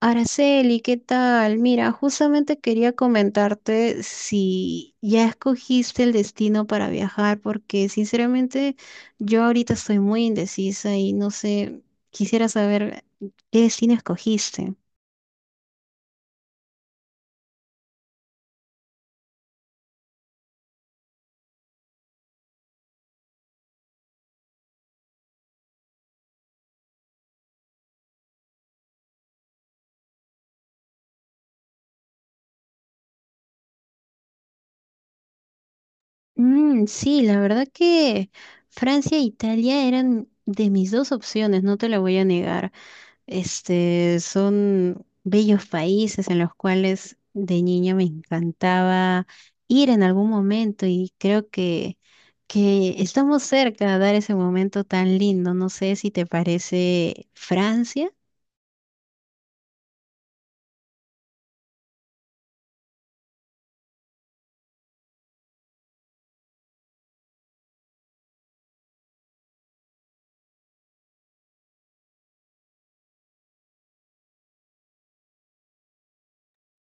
Araceli, ¿qué tal? Mira, justamente quería comentarte si ya escogiste el destino para viajar, porque sinceramente yo ahorita estoy muy indecisa y no sé, quisiera saber qué destino escogiste. Mm, sí, la verdad que Francia e Italia eran de mis dos opciones, no te lo voy a negar. Este, son bellos países en los cuales de niña me encantaba ir en algún momento y creo que estamos cerca de dar ese momento tan lindo. No sé si te parece Francia.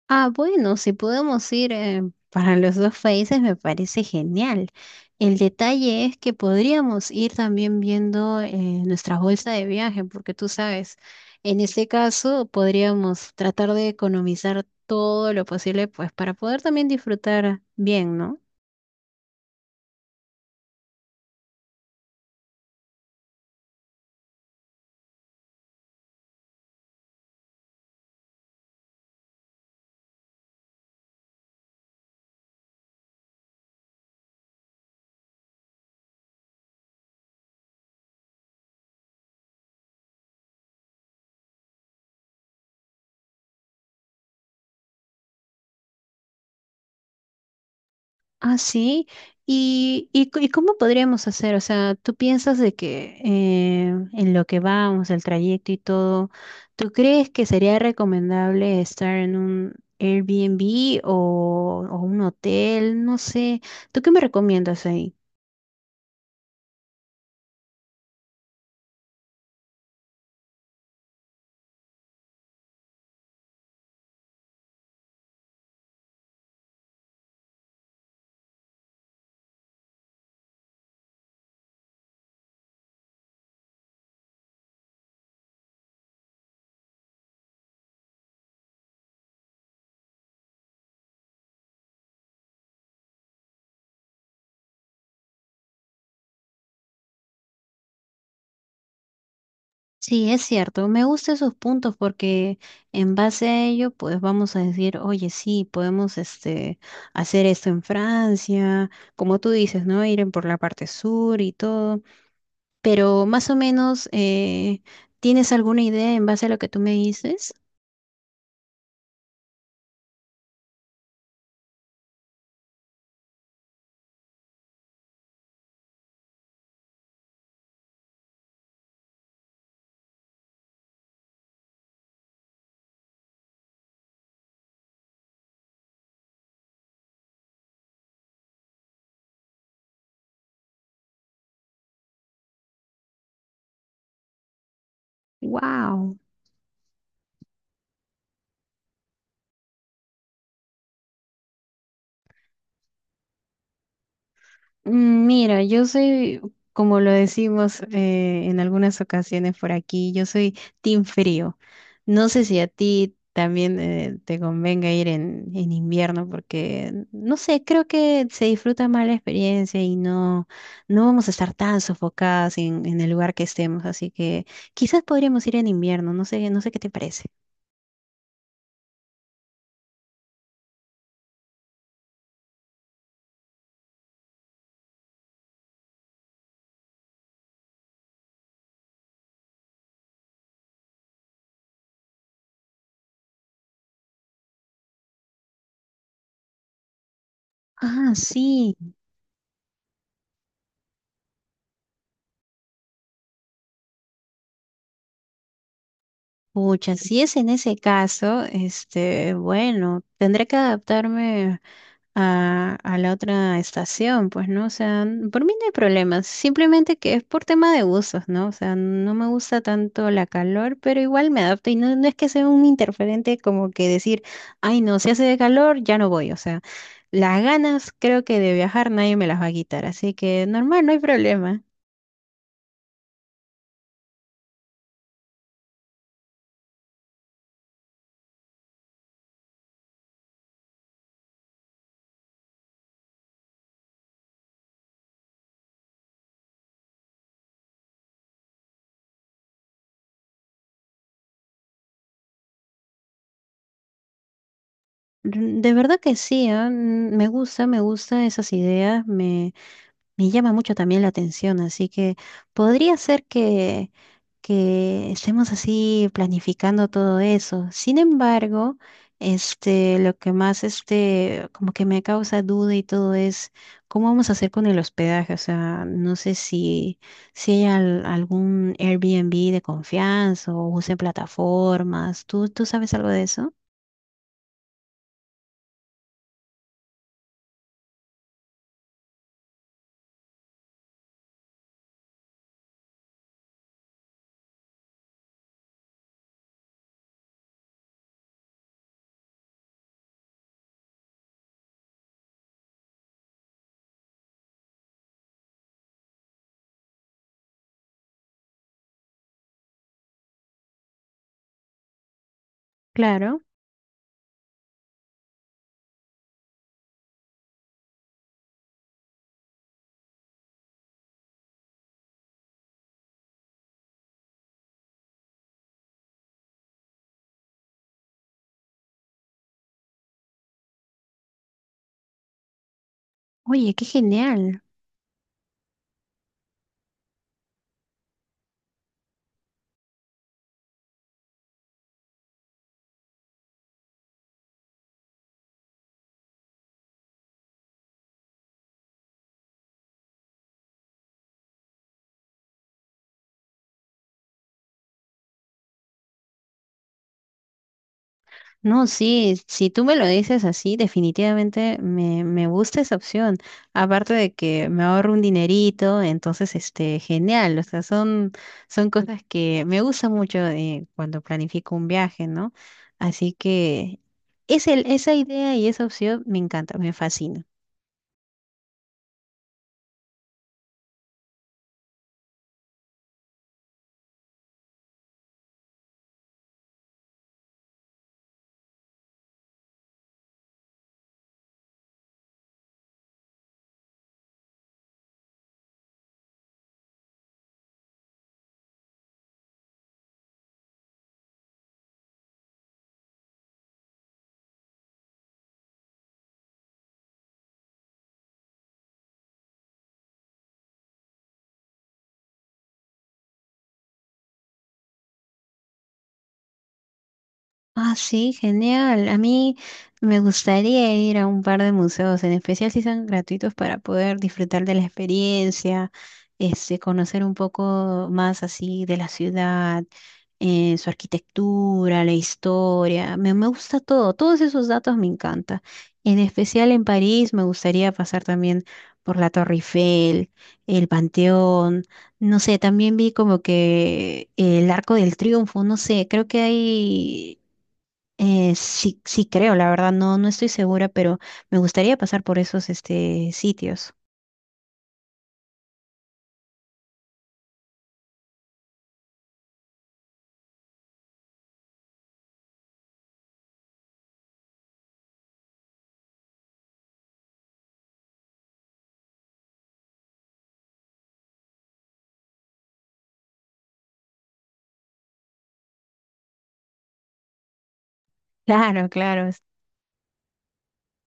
Ah, bueno, si podemos ir para los dos países me parece genial. El detalle es que podríamos ir también viendo nuestra bolsa de viaje, porque tú sabes, en este caso podríamos tratar de economizar todo lo posible, pues para poder también disfrutar bien, ¿no? Ah, sí. ¿Y cómo podríamos hacer? O sea, ¿tú piensas de que en lo que vamos, el trayecto y todo, ¿tú crees que sería recomendable estar en un Airbnb o un hotel? No sé. ¿Tú qué me recomiendas ahí? Sí, es cierto. Me gustan esos puntos porque en base a ello, pues vamos a decir, oye, sí, podemos este, hacer esto en Francia, como tú dices, ¿no? Ir en por la parte sur y todo. Pero más o menos, ¿tienes alguna idea en base a lo que tú me dices? Wow. Mira, yo soy, como lo decimos en algunas ocasiones por aquí, yo soy team frío. No sé si a ti también te convenga ir en invierno porque, no sé, creo que se disfruta más la experiencia y no, no vamos a estar tan sofocadas en el lugar que estemos. Así que quizás podríamos ir en invierno, no sé, no sé qué te parece. Ah, sí. Pucha, si es en ese caso, este, bueno, tendré que adaptarme a la otra estación, pues, ¿no? O sea, por mí no hay problema, simplemente que es por tema de gustos, ¿no? O sea, no me gusta tanto la calor, pero igual me adapto y no, no es que sea un interferente como que decir, ay, no, si hace de calor, ya no voy, o sea, las ganas creo que de viajar nadie me las va a quitar, así que normal, no hay problema. De verdad que sí. Ah, me gusta, me gusta esas ideas. Me llama mucho también la atención, así que podría ser que estemos así planificando todo eso. Sin embargo, este, lo que más este, como que me causa duda y todo es cómo vamos a hacer con el hospedaje. O sea, no sé si, si hay algún Airbnb de confianza o usen plataformas. ¿Tú sabes algo de eso? Claro. Oye, qué genial. No, sí, si tú me lo dices así, definitivamente me gusta esa opción. Aparte de que me ahorro un dinerito, entonces, este, genial. O sea, son, son cosas que me gusta mucho cuando planifico un viaje, ¿no? Así que es el, esa idea y esa opción me encanta, me fascina. Ah, sí, genial. A mí me gustaría ir a un par de museos, en especial si son gratuitos para poder disfrutar de la experiencia, este, conocer un poco más así de la ciudad, su arquitectura, la historia. Me gusta todo, todos esos datos me encanta. En especial en París me gustaría pasar también por la Torre Eiffel, el Panteón. No sé, también vi como que el Arco del Triunfo, no sé, creo que hay sí, sí creo, la verdad, no, no estoy segura, pero me gustaría pasar por esos este, sitios. Claro, claro.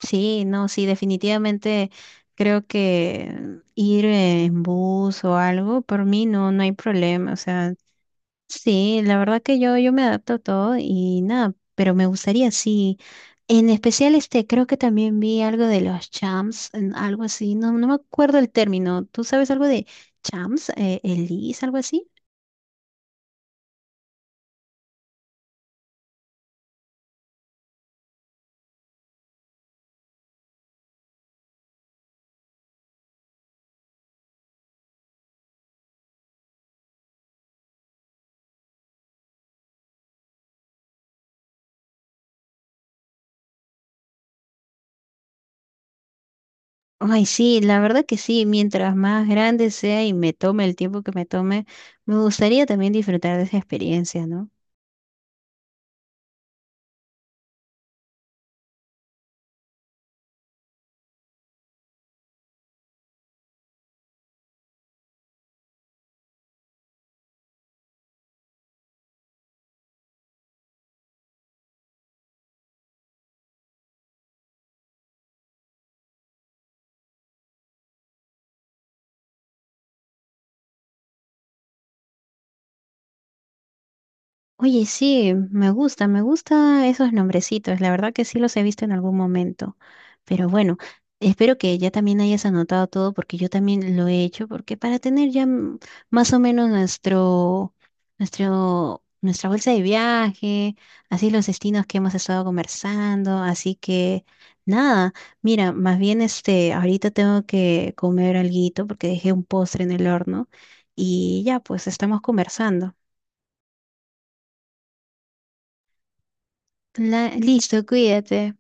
Sí, no, sí, definitivamente creo que ir en bus o algo, por mí no, no hay problema. O sea, sí, la verdad que yo me adapto a todo y nada, pero me gustaría, sí. En especial, este, creo que también vi algo de los champs, algo así, no, no me acuerdo el término. ¿Tú sabes algo de champs, elis, algo así? Ay, sí, la verdad que sí, mientras más grande sea y me tome el tiempo que me tome, me gustaría también disfrutar de esa experiencia, ¿no? Oye, sí, me gusta esos nombrecitos. La verdad que sí los he visto en algún momento. Pero bueno, espero que ya también hayas anotado todo porque yo también lo he hecho, porque para tener ya más o menos nuestro, nuestro, nuestra bolsa de viaje, así los destinos que hemos estado conversando, así que nada, mira, más bien este, ahorita tengo que comer alguito porque dejé un postre en el horno y ya, pues estamos conversando. La, listo, cuídate.